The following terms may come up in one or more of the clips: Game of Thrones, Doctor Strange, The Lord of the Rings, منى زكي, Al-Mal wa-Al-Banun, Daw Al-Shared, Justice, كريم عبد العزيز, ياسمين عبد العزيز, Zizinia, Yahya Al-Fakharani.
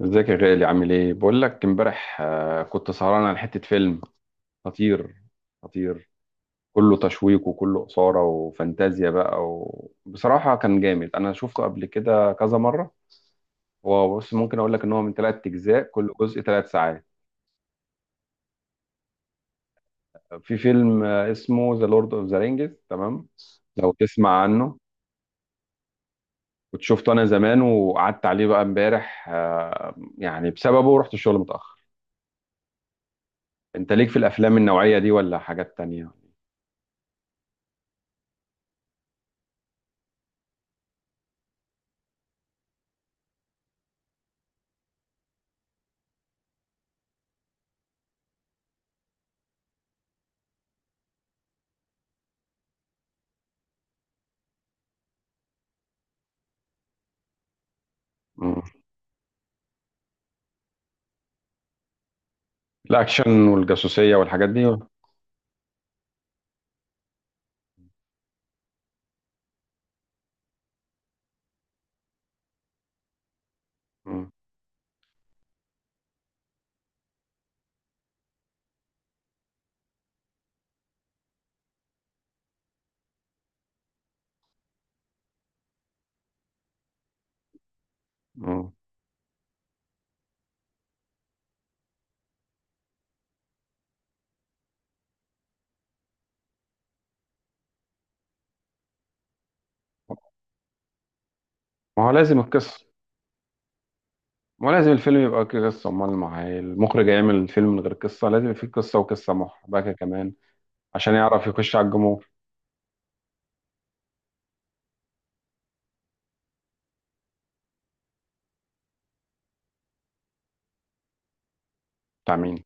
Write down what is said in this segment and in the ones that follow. ازيك يا غالي، عامل ايه؟ بقول لك امبارح، كنت سهران على حتة فيلم خطير خطير، كله تشويق وكله إثارة وفانتازيا بقى. وبصراحة كان جامد، انا شفته قبل كده كذا مرة. هو بص، ممكن اقول لك ان هو من 3 اجزاء، كل جزء 3 ساعات. في فيلم اسمه ذا لورد اوف ذا رينجز، تمام؟ لو تسمع عنه. كنت شفته انا زمان، وقعدت عليه بقى امبارح، يعني بسببه رحت الشغل متأخر. انت ليك في الافلام النوعية دي ولا حاجات تانية؟ الاكشن والجاسوسيه والحاجات دي. مم. مم. ما هو لازم القصه. ما هو لازم الفيلم يبقى فيه قصه، امال ما هي المخرج هيعمل فيلم من غير قصه؟ لازم يبقى فيه قصه، وقصه محبكه كمان، عشان يعرف يخش على الجمهور. بتاع مين؟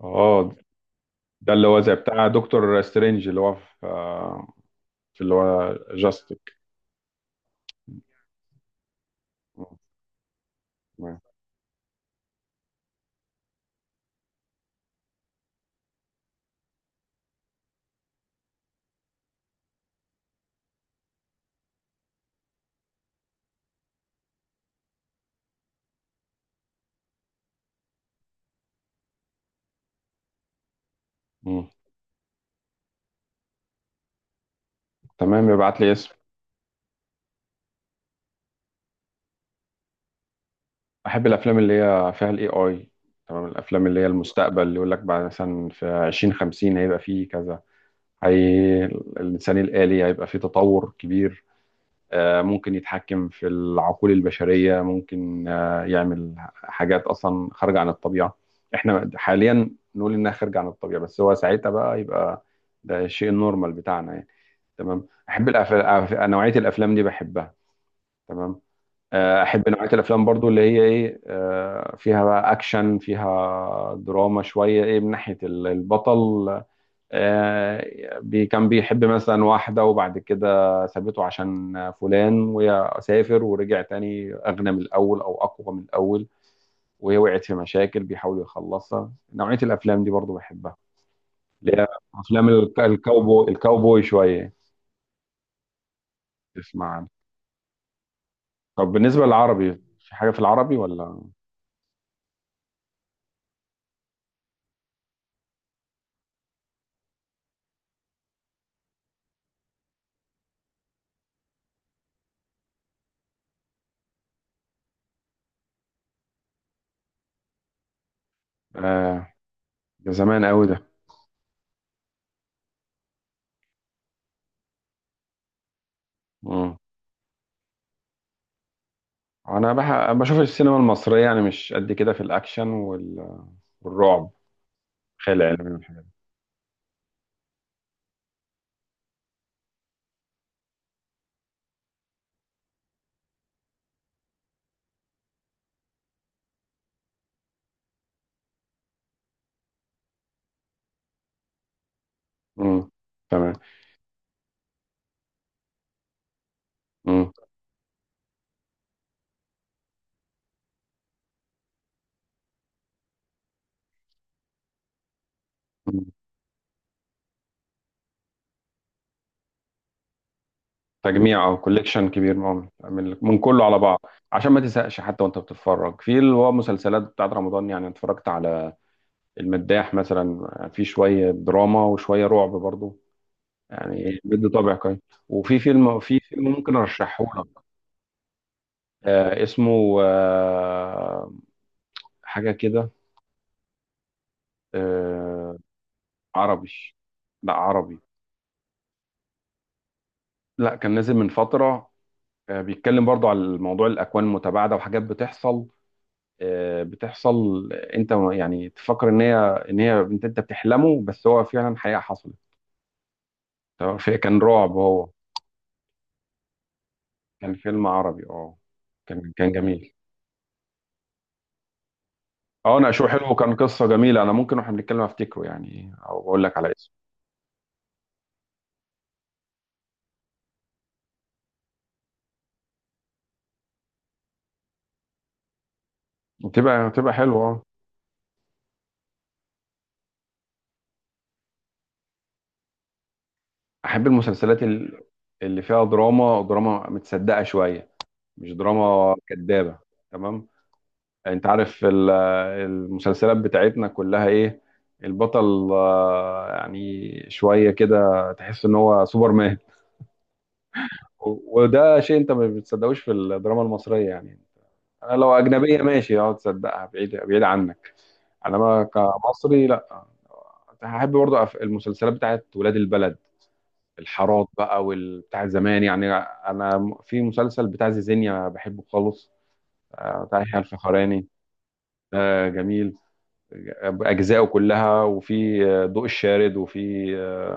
اه، ده اللي هو زي بتاع دكتور سترينج، اللي هو في في اللي هو جاستيك. تمام. مم. تمام، يبعت لي اسم. احب الافلام اللي هي فيها الاي اي. تمام، الافلام اللي هي المستقبل، اللي يقول لك بعد مثلا في 2050 هيبقى فيه كذا، هي الإنسان الآلي هيبقى فيه تطور كبير. ممكن يتحكم في العقول البشرية، ممكن يعمل حاجات أصلا خارجة عن الطبيعة. إحنا حاليا نقول إنها خارجة عن الطبيعة، بس هو ساعتها بقى يبقى ده الشيء النورمال بتاعنا يعني. تمام، أحب الأفلام، نوعية الأفلام دي بحبها. تمام. أحب نوعية الأفلام برضو اللي هي إيه، فيها بقى أكشن، فيها دراما شوية، إيه من ناحية البطل. بي كان بيحب مثلا واحدة، وبعد كده سابته عشان فلان، وسافر ورجع تاني أغنى من الأول أو أقوى من الأول، وهي وقعت في مشاكل بيحاول يخلصها. نوعية الأفلام دي برضو بحبها. اللي هي أفلام الكاوبوي، الكاوبوي شوية. تسمع عنها؟ طب بالنسبة للعربي، في حاجة في العربي ولا؟ آه، ده زمان قوي ده. مم. أنا بشوف السينما المصرية يعني مش قد كده في الأكشن والرعب، خيال علمي والحاجات دي. مم. تمام. مم. تجميع او كوليكشن كبير، من كله على بعض، عشان ما تزهقش حتى وانت بتتفرج. في اللي هو مسلسلات بتاعت رمضان يعني، اتفرجت على المداح مثلا، في شويه دراما وشويه رعب برضو، يعني بيدي طابع كويس. وفي فيلم، في فيلم ممكن ارشحه لك. اسمه حاجه كده، آه. عربي، لا عربي، لا كان نازل من فتره. بيتكلم برضو على موضوع الاكوان المتباعده وحاجات بتحصل، بتحصل. انت يعني تفكر ان هي، انت بتحلمه، بس هو فعلا حقيقة حصلت. تمام، كان رعب هو. كان فيلم عربي، اه. كان جميل. اه، ناقشوه حلو، وكان قصة جميلة. انا ممكن واحنا بنتكلم افتكره يعني، او اقول لك على اسمه. بتبقى حلوة اه. احب المسلسلات اللي فيها دراما، دراما متصدقة شوية، مش دراما كدابة. تمام. انت عارف المسلسلات بتاعتنا كلها ايه، البطل يعني شوية كده تحس ان هو سوبرمان. وده شيء انت ما بتصدقوش في الدراما المصرية يعني. انا لو اجنبية ماشي، اه، تصدقها، بعيد بعيد عنك، انما كمصري لا. هحب برضه المسلسلات بتاعت ولاد البلد، الحارات بقى والبتاع زمان يعني. انا في مسلسل بتاع زيزينيا بحبه خالص، بتاع يحيى الفخراني. ده جميل بأجزائه كلها، وفي ضوء الشارد، وفي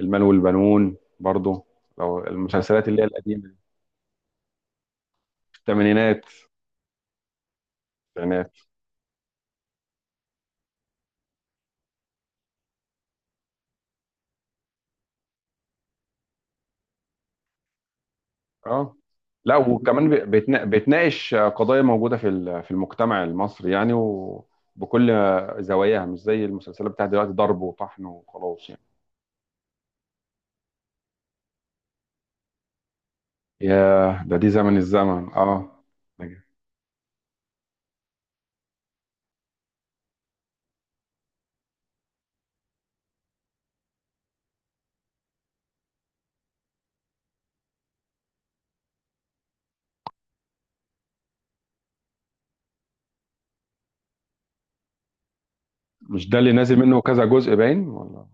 المال والبنون برضو، لو المسلسلات اللي هي القديمة دي، الثمانينات، التسعينات. اه، لا وكمان بتناقش قضايا موجودة في في المجتمع المصري يعني، وبكل زواياها. مش زي المسلسلات بتاعت دلوقتي، ضرب وطحن وخلاص يعني. ياه، ده دي زمن، الزمن اه. مش ده اللي نازل منه كذا جزء، باين، ولا؟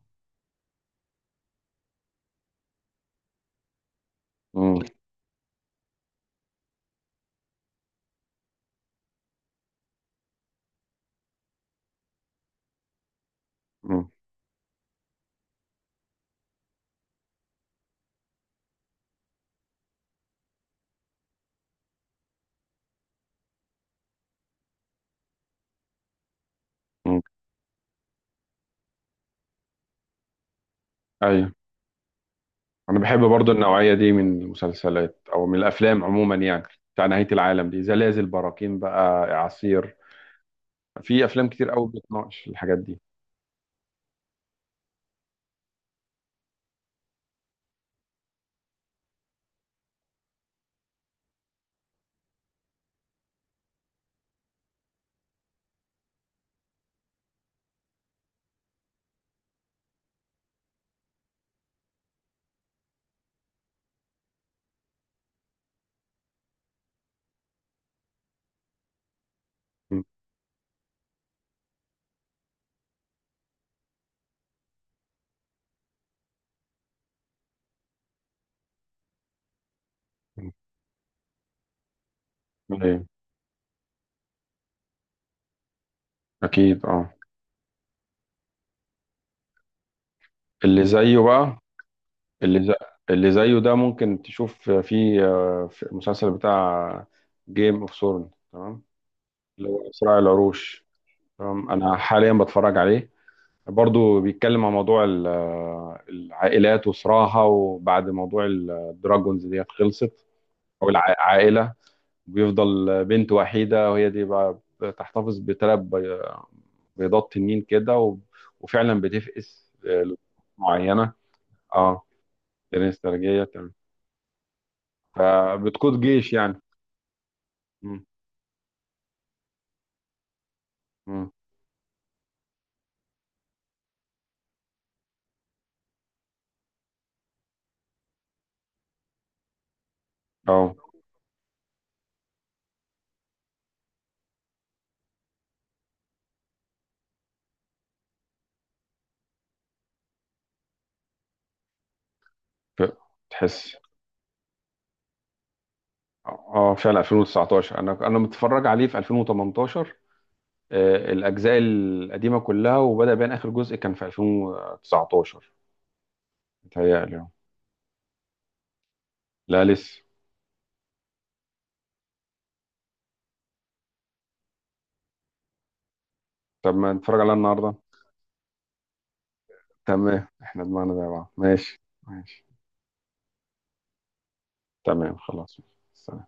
مم. مم. مم. ايوه. انا بحب برضو النوعيه دي من المسلسلات او من الافلام عموما يعني، بتاع نهايه العالم دي، زلازل، براكين بقى، اعاصير. في افلام كتير قوي بتناقش الحاجات دي. م- ايه، اكيد اه. اللي زيه بقى، اللي زي اللي زيه ده ممكن تشوف في في المسلسل بتاع جيم اوف ثرون، تمام؟ اللي هو صراع العروش. تمام، انا حاليا بتفرج عليه، برضو بيتكلم عن موضوع العائلات وصراعها. وبعد موضوع الدراجونز ديت خلصت، او العائله بيفضل بنت وحيده، وهي دي بقى بتحتفظ بـ3 بيضات تنين كده، وفعلا بتفقس لظروف معينه. اه، جنين استرجية تمام، فبتقود جيش يعني. مم. مم. اه. ف- تحس. اه، فعلا 2019، انا متفرج عليه في 2018. الاجزاء القديمه كلها، وبدا بان اخر جزء كان في 2019، متهيألي. لا لسه. طب ما نتفرج عليها النهارده. تمام، احنا دماغنا زي بعض. ماشي ماشي. تمام خلاص. سلام.